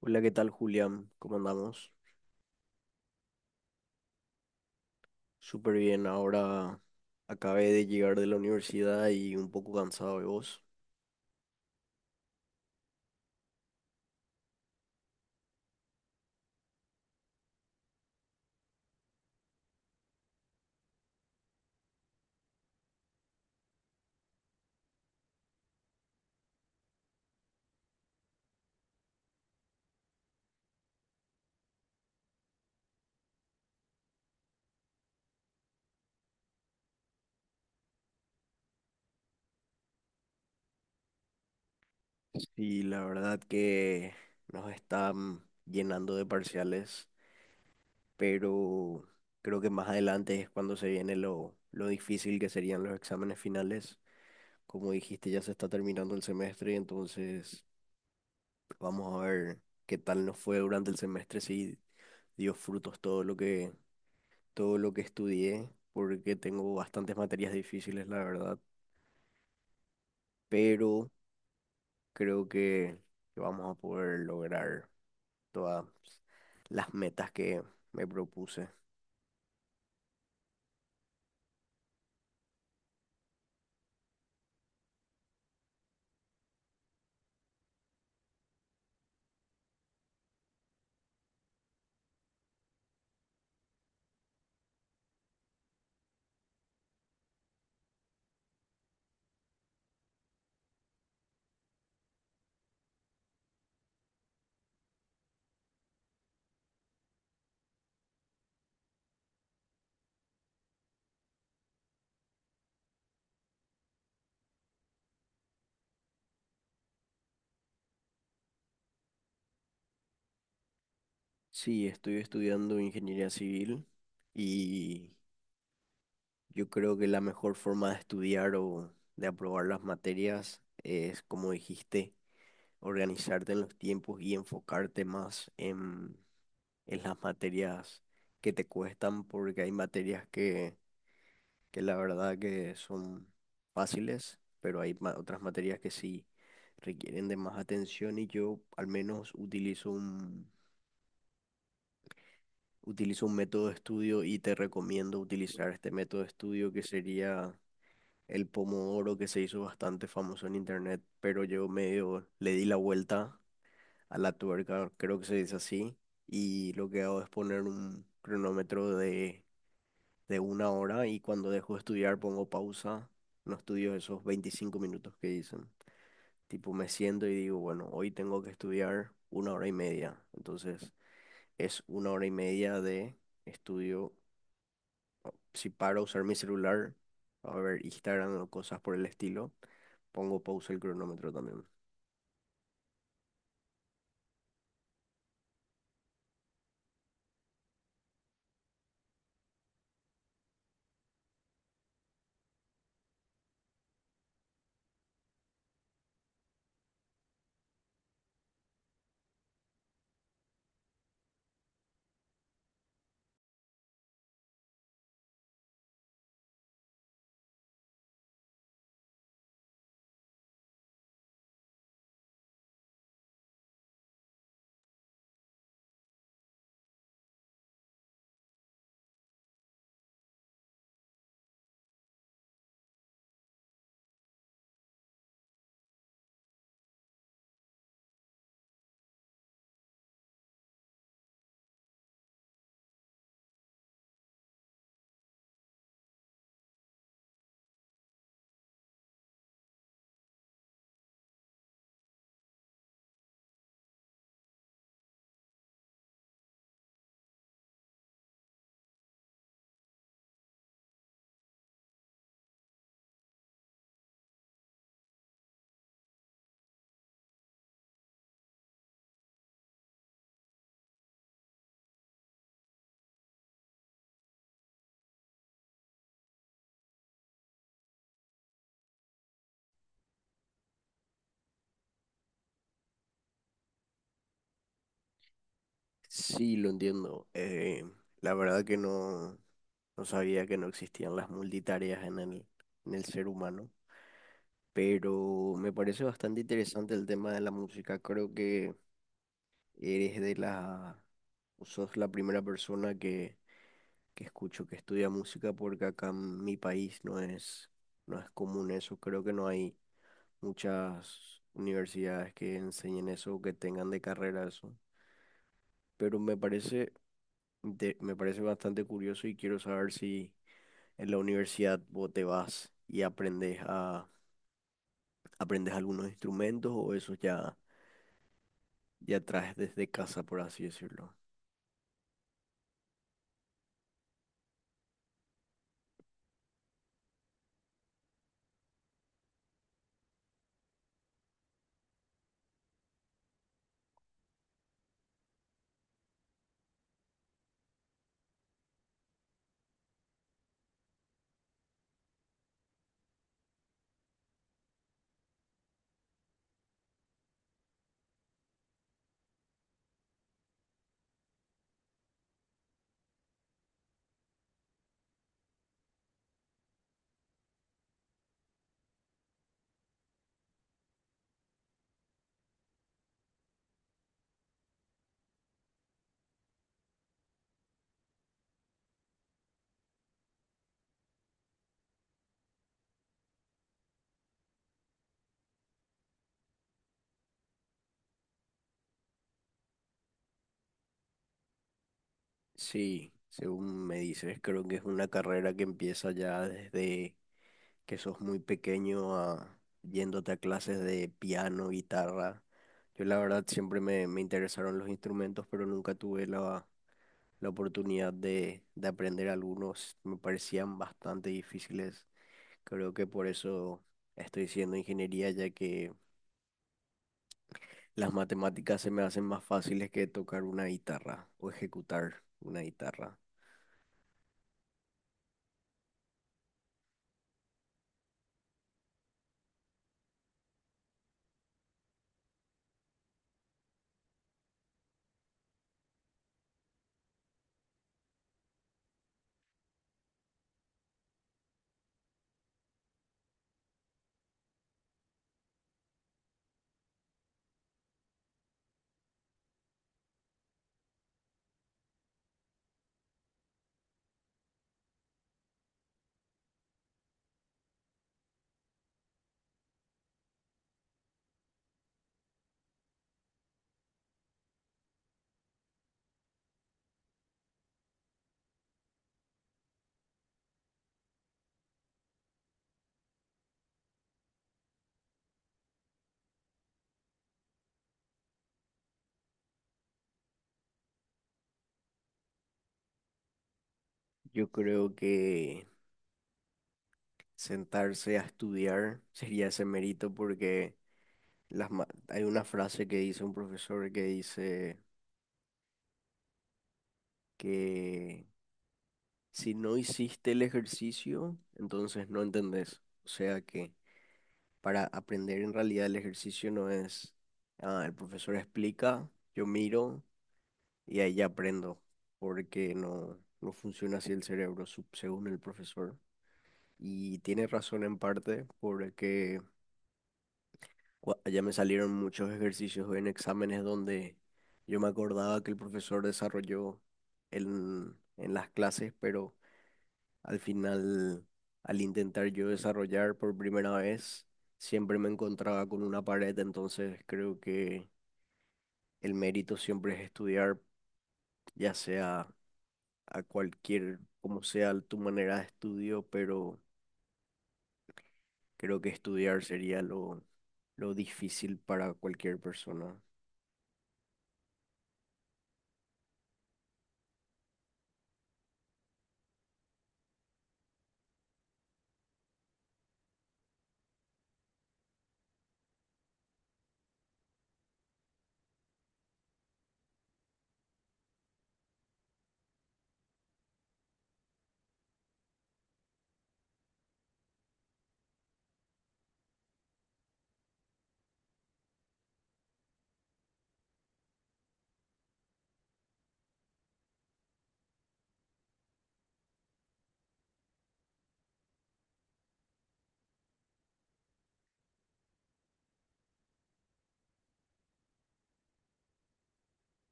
Hola, ¿qué tal, Julián? ¿Cómo andamos? Súper bien. Ahora acabé de llegar de la universidad y un poco cansado de vos. Y la verdad que nos están llenando de parciales, pero creo que más adelante es cuando se viene lo difícil que serían los exámenes finales. Como dijiste, ya se está terminando el semestre, entonces vamos a ver qué tal nos fue durante el semestre, si dio frutos todo lo que estudié, porque tengo bastantes materias difíciles, la verdad, pero creo que vamos a poder lograr todas las metas que me propuse. Sí, estoy estudiando ingeniería civil y yo creo que la mejor forma de estudiar o de aprobar las materias es, como dijiste, organizarte en los tiempos y enfocarte más en las materias que te cuestan, porque hay materias que la verdad que son fáciles, pero hay otras materias que sí requieren de más atención y yo al menos utilizo un método de estudio y te recomiendo utilizar este método de estudio que sería el Pomodoro, que se hizo bastante famoso en internet, pero yo medio le di la vuelta a la tuerca, creo que se dice así, y lo que hago es poner un cronómetro de una hora, y cuando dejo de estudiar pongo pausa, no estudio esos 25 minutos que dicen. Tipo, me siento y digo, bueno, hoy tengo que estudiar una hora y media. Entonces, es una hora y media de estudio. Si paro a usar mi celular, a ver Instagram o cosas por el estilo, pongo pausa el cronómetro también. Sí, lo entiendo. La verdad que no, no sabía que no existían las multitareas en en el ser humano. Pero me parece bastante interesante el tema de la música. Creo que eres de o sos la primera persona que escucho que estudia música, porque acá en mi país no es común eso. Creo que no hay muchas universidades que enseñen eso o que tengan de carrera eso. Pero me parece, me parece bastante curioso, y quiero saber si en la universidad vos te vas y aprendes algunos instrumentos, o eso ya traes desde casa, por así decirlo. Sí, según me dices, creo que es una carrera que empieza ya desde que sos muy pequeño a yéndote a clases de piano, guitarra. Yo la verdad siempre me interesaron los instrumentos, pero nunca tuve la oportunidad de aprender algunos. Me parecían bastante difíciles. Creo que por eso estoy haciendo ingeniería, ya que las matemáticas se me hacen más fáciles que tocar una guitarra o ejecutar una guitarra. Yo creo que sentarse a estudiar sería ese mérito, porque las hay una frase que dice un profesor, que dice que si no hiciste el ejercicio, entonces no entendés. O sea que para aprender en realidad el ejercicio no es, ah, el profesor explica, yo miro y ahí ya aprendo, porque no funciona así el cerebro, según el profesor. Y tiene razón en parte porque... Ya me salieron muchos ejercicios en exámenes donde yo me acordaba que el profesor desarrolló en las clases, pero al final, al intentar yo desarrollar por primera vez, siempre me encontraba con una pared, entonces creo que el mérito siempre es estudiar, ya sea a cualquier, como sea tu manera de estudio, pero creo que estudiar sería lo difícil para cualquier persona.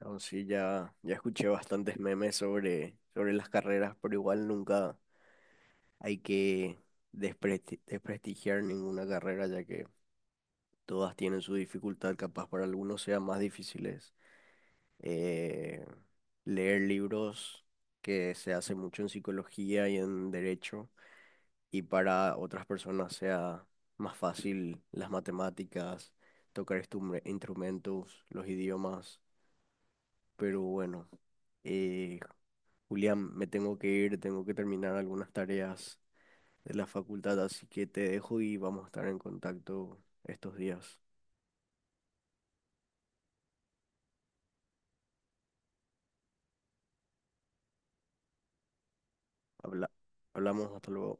No, sí, ya, ya escuché bastantes memes sobre las carreras, pero igual nunca hay que desprestigiar ninguna carrera, ya que todas tienen su dificultad, capaz para algunos sea más difíciles. Eh, leer libros, que se hace mucho en psicología y en derecho, y para otras personas sea más fácil las matemáticas, tocar instrumentos, los idiomas, pero bueno. Eh, Julián, me tengo que ir, tengo que terminar algunas tareas de la facultad, así que te dejo y vamos a estar en contacto estos días. Habla- Hablamos, hasta luego.